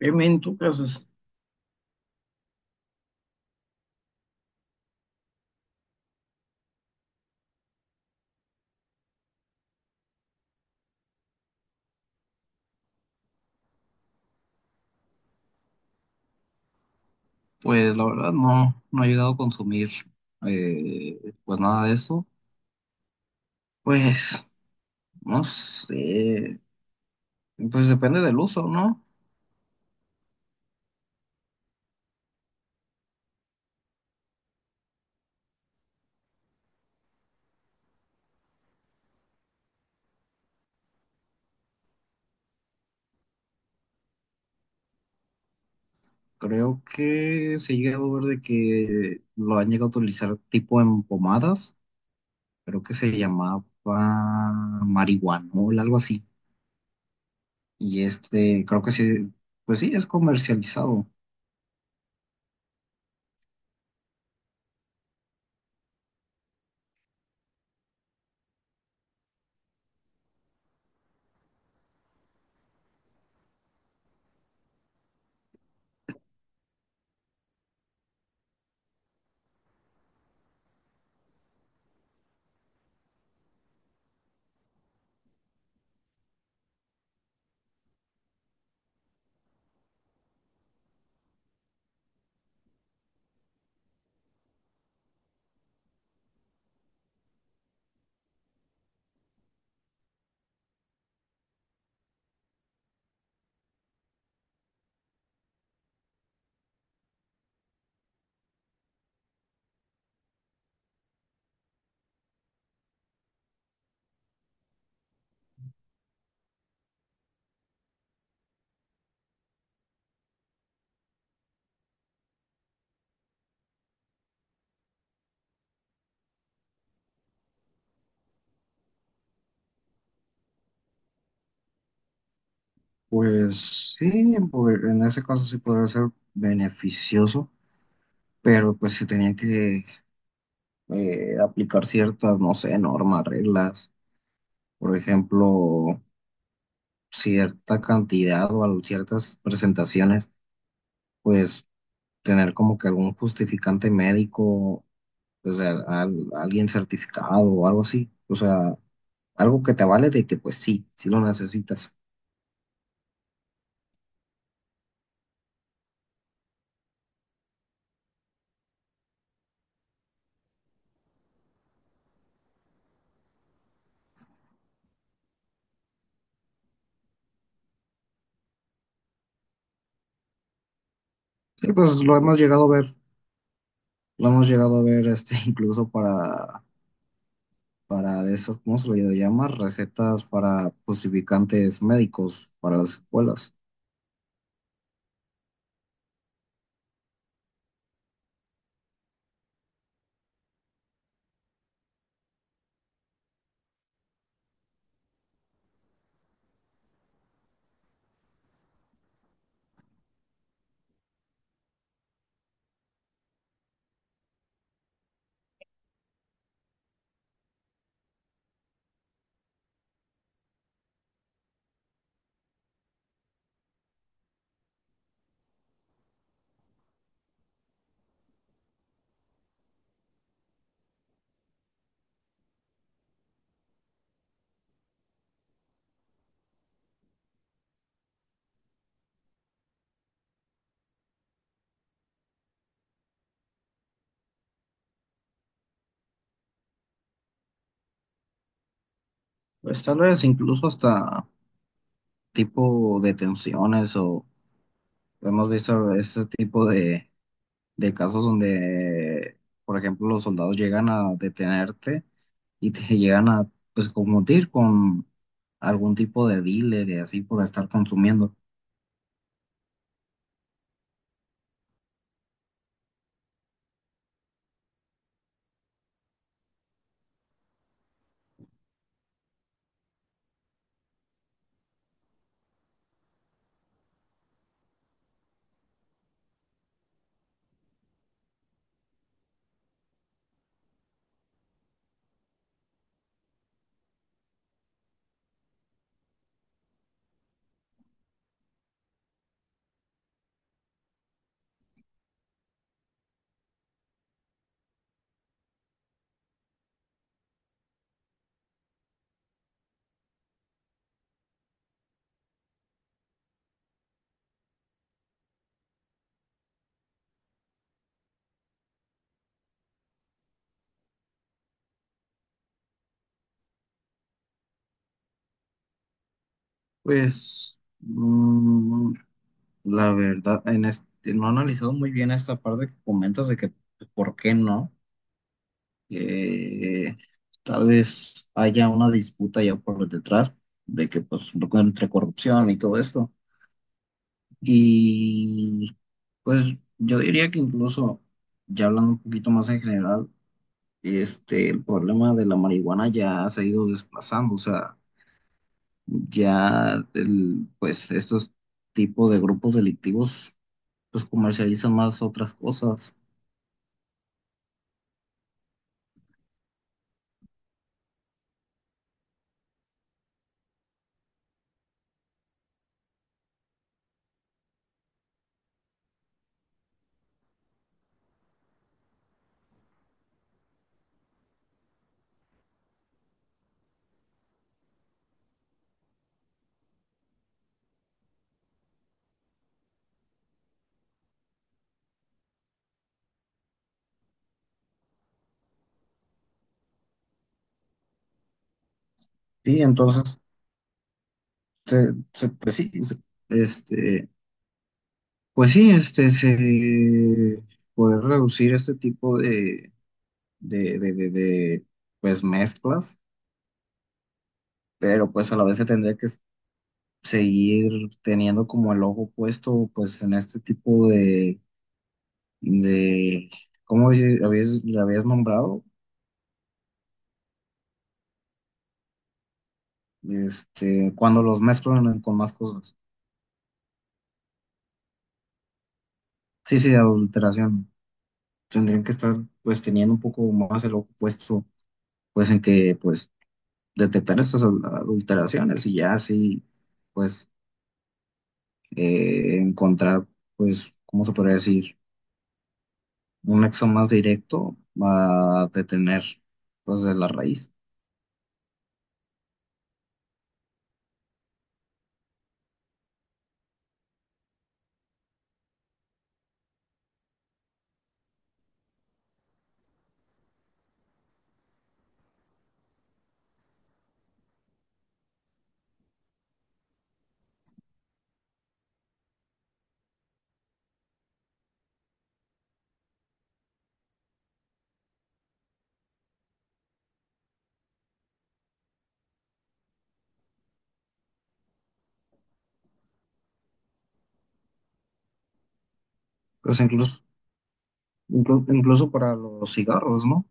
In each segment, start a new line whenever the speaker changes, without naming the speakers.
¿En tu caso es- Pues la verdad no, no he llegado a consumir pues nada de eso. Pues no sé, pues depende del uso, ¿no? Creo que se ha llegado a ver de que lo han llegado a utilizar tipo en pomadas, creo que se llamaba marihuanol, algo así. Y este, creo que sí, pues sí, es comercializado. Pues sí, en, poder- en ese caso sí podría ser beneficioso, pero pues se tenía que aplicar ciertas, no sé, normas, reglas, por ejemplo, cierta cantidad o al- ciertas presentaciones, pues tener como que algún justificante médico, o sea, al- alguien certificado o algo así, o sea, algo que te vale de que pues sí, sí lo necesitas. Sí, pues lo hemos llegado a ver, lo hemos llegado a ver este incluso para de esas, ¿cómo se le llama? Recetas para justificantes médicos para las escuelas. Pues tal vez incluso hasta tipo detenciones o hemos visto ese tipo de casos donde, por ejemplo, los soldados llegan a detenerte y te llegan a pues confundir con algún tipo de dealer y así por estar consumiendo. Pues mm, la verdad, en este, no he analizado muy bien esta parte que comentas de que pues, por qué no. Que tal vez haya una disputa ya por detrás de que pues entre corrupción y todo esto. Y pues yo diría que incluso, ya hablando un poquito más en general, este, el problema de la marihuana ya se ha ido desplazando, o sea, ya el, pues estos tipos de grupos delictivos pues comercializan más otras cosas. Sí, entonces, se, pues sí, se- este... Pues sí, este, se- poder reducir este tipo de, de, de, de, de, pues mezclas, pero pues a la vez se tendría que s- seguir teniendo como el ojo puesto pues en este tipo de ¿cómo di- lo habías nombrado? Este, cuando los mezclan con más cosas. Sí, sí, adulteración. Tendrían que estar pues teniendo un poco más el ojo puesto pues en que pues detectar estas adul- adulteraciones y ya así pues encontrar, pues, ¿cómo se podría decir? Un nexo más directo a detener, pues, de la raíz. Pues incluso, inclu- incluso para los cigarros, ¿no?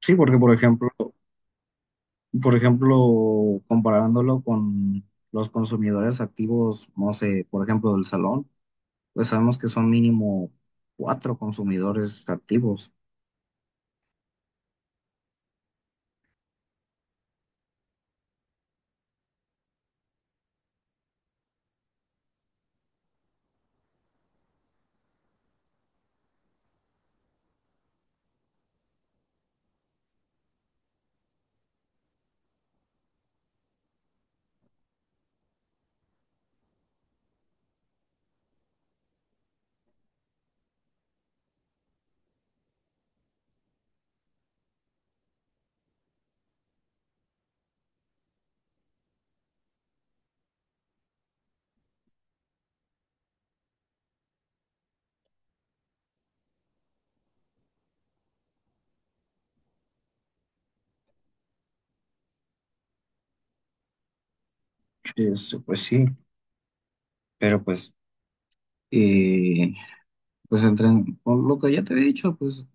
Sí, porque, por ejemplo, comparándolo con los consumidores activos, no sé, por ejemplo, del salón, pues sabemos que son mínimo 4 consumidores activos. Este, pues sí, pero pues... eh, pues entre, por lo que ya te he dicho, pues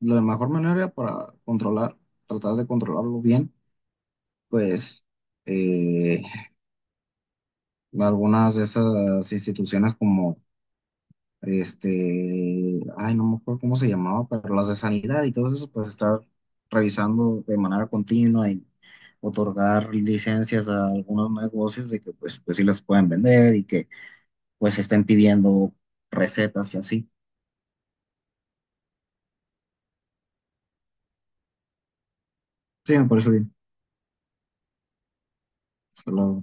la mejor manera para controlar, tratar de controlarlo bien, pues eh, algunas de esas instituciones como este, ay, no me acuerdo cómo se llamaba, pero las de sanidad y todo eso, pues estar revisando de manera continua y otorgar licencias a algunos negocios de que pues, pues sí las pueden vender y que pues estén pidiendo recetas y así. Sí, me parece bien. Hasta luego.